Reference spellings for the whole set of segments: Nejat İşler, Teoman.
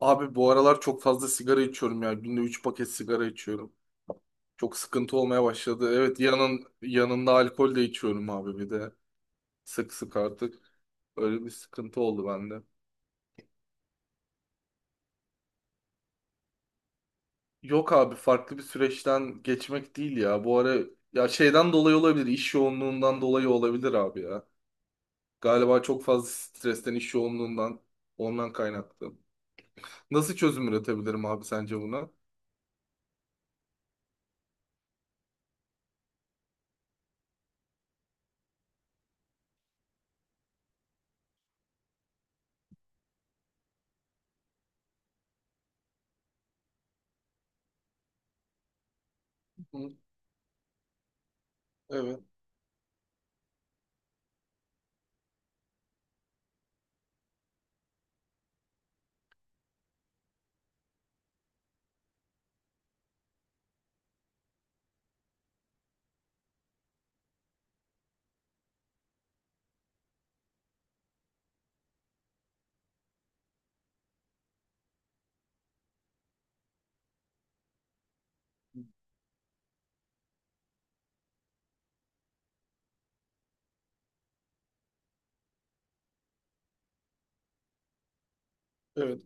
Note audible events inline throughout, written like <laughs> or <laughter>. Abi bu aralar çok fazla sigara içiyorum ya. Günde 3 paket sigara içiyorum. Çok sıkıntı olmaya başladı. Evet yanında alkol de içiyorum abi bir de. Sık sık artık. Öyle bir sıkıntı oldu bende. Yok abi farklı bir süreçten geçmek değil ya. Bu ara ya şeyden dolayı olabilir. İş yoğunluğundan dolayı olabilir abi ya. Galiba çok fazla stresten, iş yoğunluğundan ondan kaynaklı. Nasıl çözüm üretebilirim abi sence buna? Hı, evet, evet.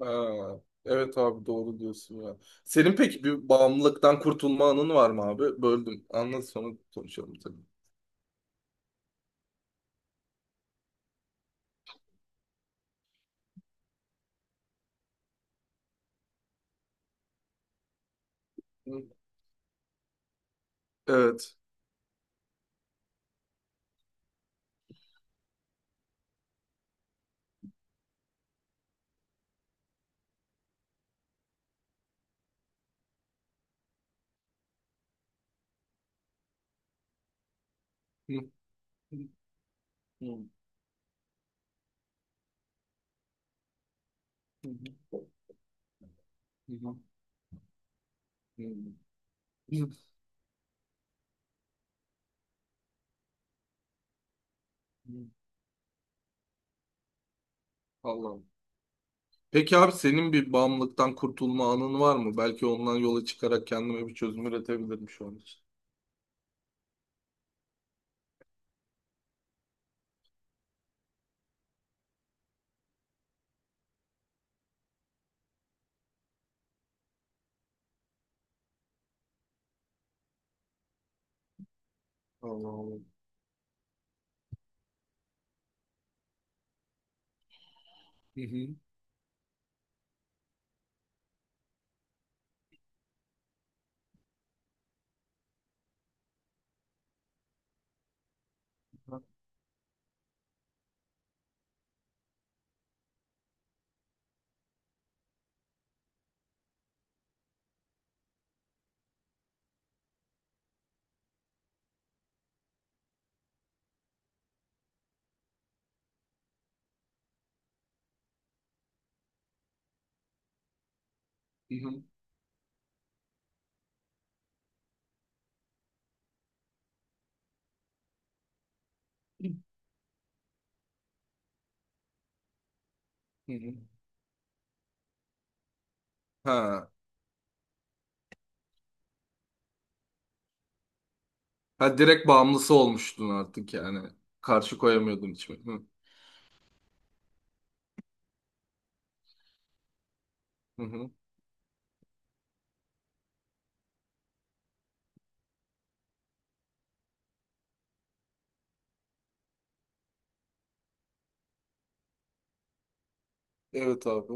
Ha, evet abi doğru diyorsun ya. Senin peki bir bağımlılıktan kurtulma anın var mı abi? Böldüm. Anlat sonra konuşalım tabii. Hı, evet. Hı, hı, hı, hı, hı, hı, hı, hı. Allah'ım. Peki abi senin bir bağımlılıktan kurtulma anın var mı? Belki ondan yola çıkarak kendime bir çözüm üretebilirim şu an için. Allah Allah. Hı hı. Hı hı. Hı hı. Ha. Ha, direkt bağımlısı olmuştun artık yani. Karşı koyamıyordun içime. Hı hı. Hı. Evet abi.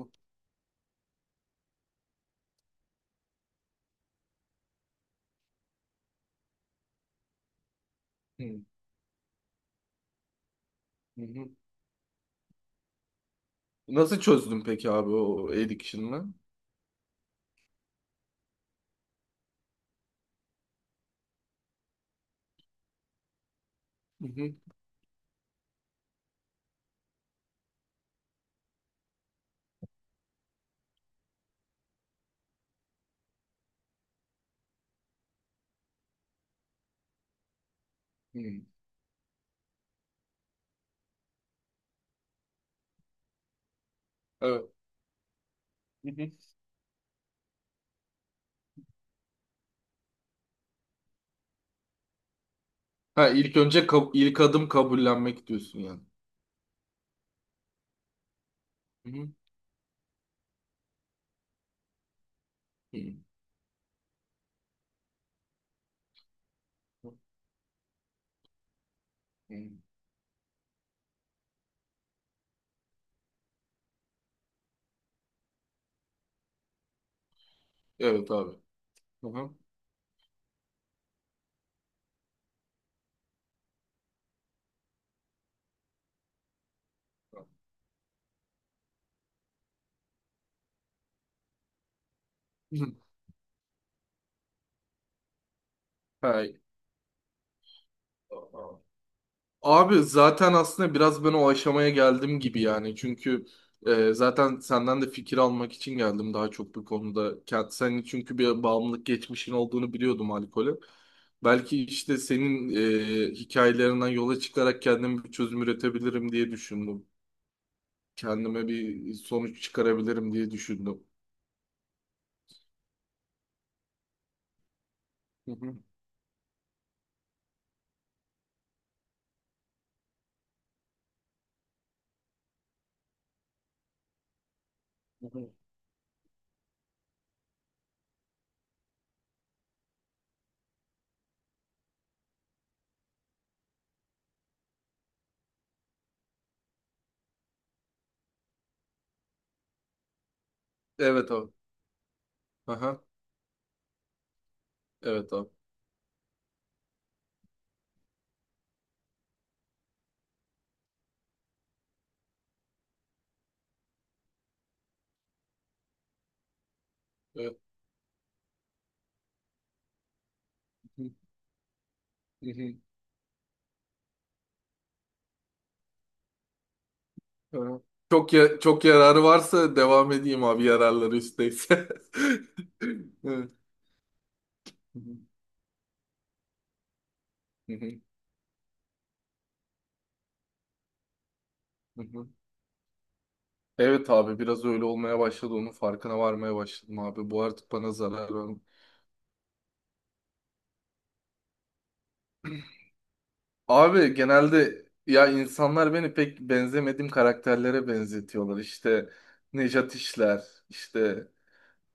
Hı hı. Hı. Nasıl çözdün peki abi o addiction'ı? Hı hı. Hı. Evet. Hı hı. Ha, ilk adım kabullenmek diyorsun yani. Hı hı. Hı hı. Hı. Evet abi. Hı hı. Hı. Ha, abi zaten aslında biraz ben o aşamaya geldim gibi yani. Çünkü zaten senden de fikir almak için geldim daha çok bu konuda. Senin çünkü bir bağımlılık geçmişin olduğunu biliyordum alkole. Belki işte senin hikayelerinden yola çıkarak kendime bir çözüm üretebilirim diye düşündüm. Kendime bir sonuç çıkarabilirim diye düşündüm. Hı hı. Hı hı. Evet abi. Aha. Evet abi. Evet. Hı hı. Ha. Çok çok yararı varsa devam edeyim abi, yararları üstteyse. <laughs> Evet. Hı hı, hı hı, hı hı. Evet abi, biraz öyle olmaya başladı, onun farkına varmaya başladım abi. Bu artık bana zarar vermiyor. Abi genelde ya insanlar beni pek benzemediğim karakterlere benzetiyorlar. İşte Nejat İşler, işte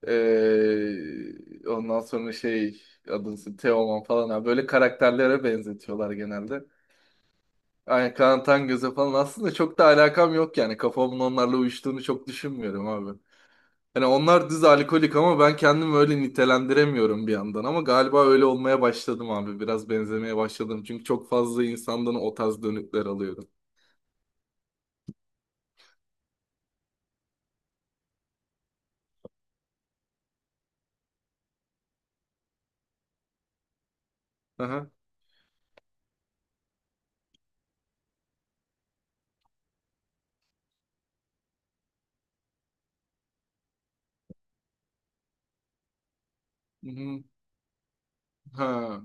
ondan sonra şey, adını Teoman falan abi, böyle karakterlere benzetiyorlar genelde. Ay, Kaan Tangöz'e falan aslında çok da alakam yok yani. Kafamın onlarla uyuştuğunu çok düşünmüyorum abi. Hani onlar düz alkolik ama ben kendimi öyle nitelendiremiyorum bir yandan. Ama galiba öyle olmaya başladım abi. Biraz benzemeye başladım. Çünkü çok fazla insandan o tarz dönükler alıyorum. Aha. Mhm. Ha.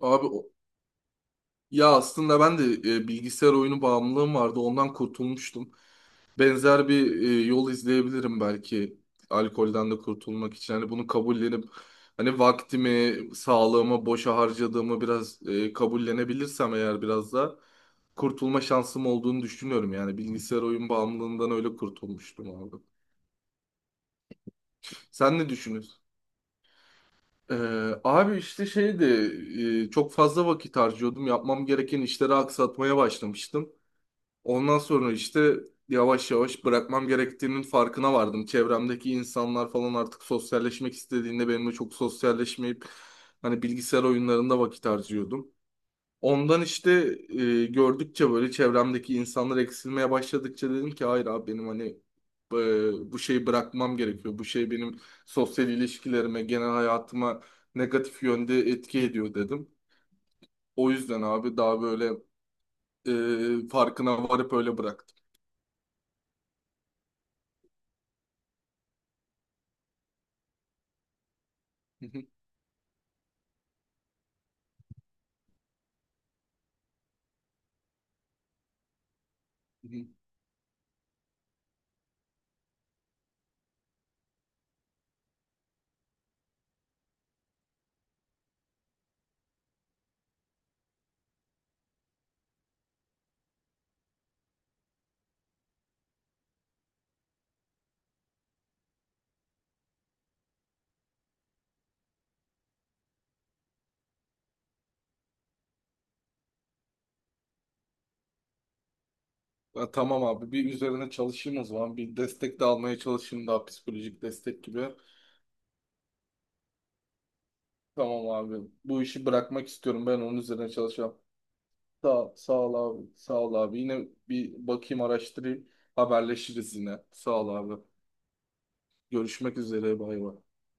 Abi o- Ya aslında ben de bilgisayar oyunu bağımlılığım vardı. Ondan kurtulmuştum. Benzer bir yol izleyebilirim belki alkolden de kurtulmak için. Hani bunu kabullenip, hani vaktimi, sağlığımı boşa harcadığımı biraz kabullenebilirsem eğer, biraz da kurtulma şansım olduğunu düşünüyorum. Yani bilgisayar oyun bağımlılığından öyle kurtulmuştum abi. Sen ne düşünüyorsun? Ee, abi işte şeydi, çok fazla vakit harcıyordum. Yapmam gereken işleri aksatmaya başlamıştım. Ondan sonra işte yavaş yavaş bırakmam gerektiğinin farkına vardım. Çevremdeki insanlar falan artık sosyalleşmek istediğinde benimle çok sosyalleşmeyip hani, bilgisayar oyunlarında vakit harcıyordum. Ondan işte gördükçe, böyle çevremdeki insanlar eksilmeye başladıkça dedim ki hayır abi, benim hani bu şeyi bırakmam gerekiyor. Bu şey benim sosyal ilişkilerime, genel hayatıma negatif yönde etki ediyor dedim. O yüzden abi daha böyle farkına varıp öyle bıraktım. <laughs> Ya tamam abi, bir üzerine çalışayım o zaman. Bir destek de almaya çalışayım, daha psikolojik destek gibi. Tamam abi, bu işi bırakmak istiyorum ben, onun üzerine çalışacağım. Sağ ol abi, sağ ol abi. Yine bir bakayım, araştırayım, haberleşiriz yine. Sağ ol abi. Görüşmek üzere, bay bay.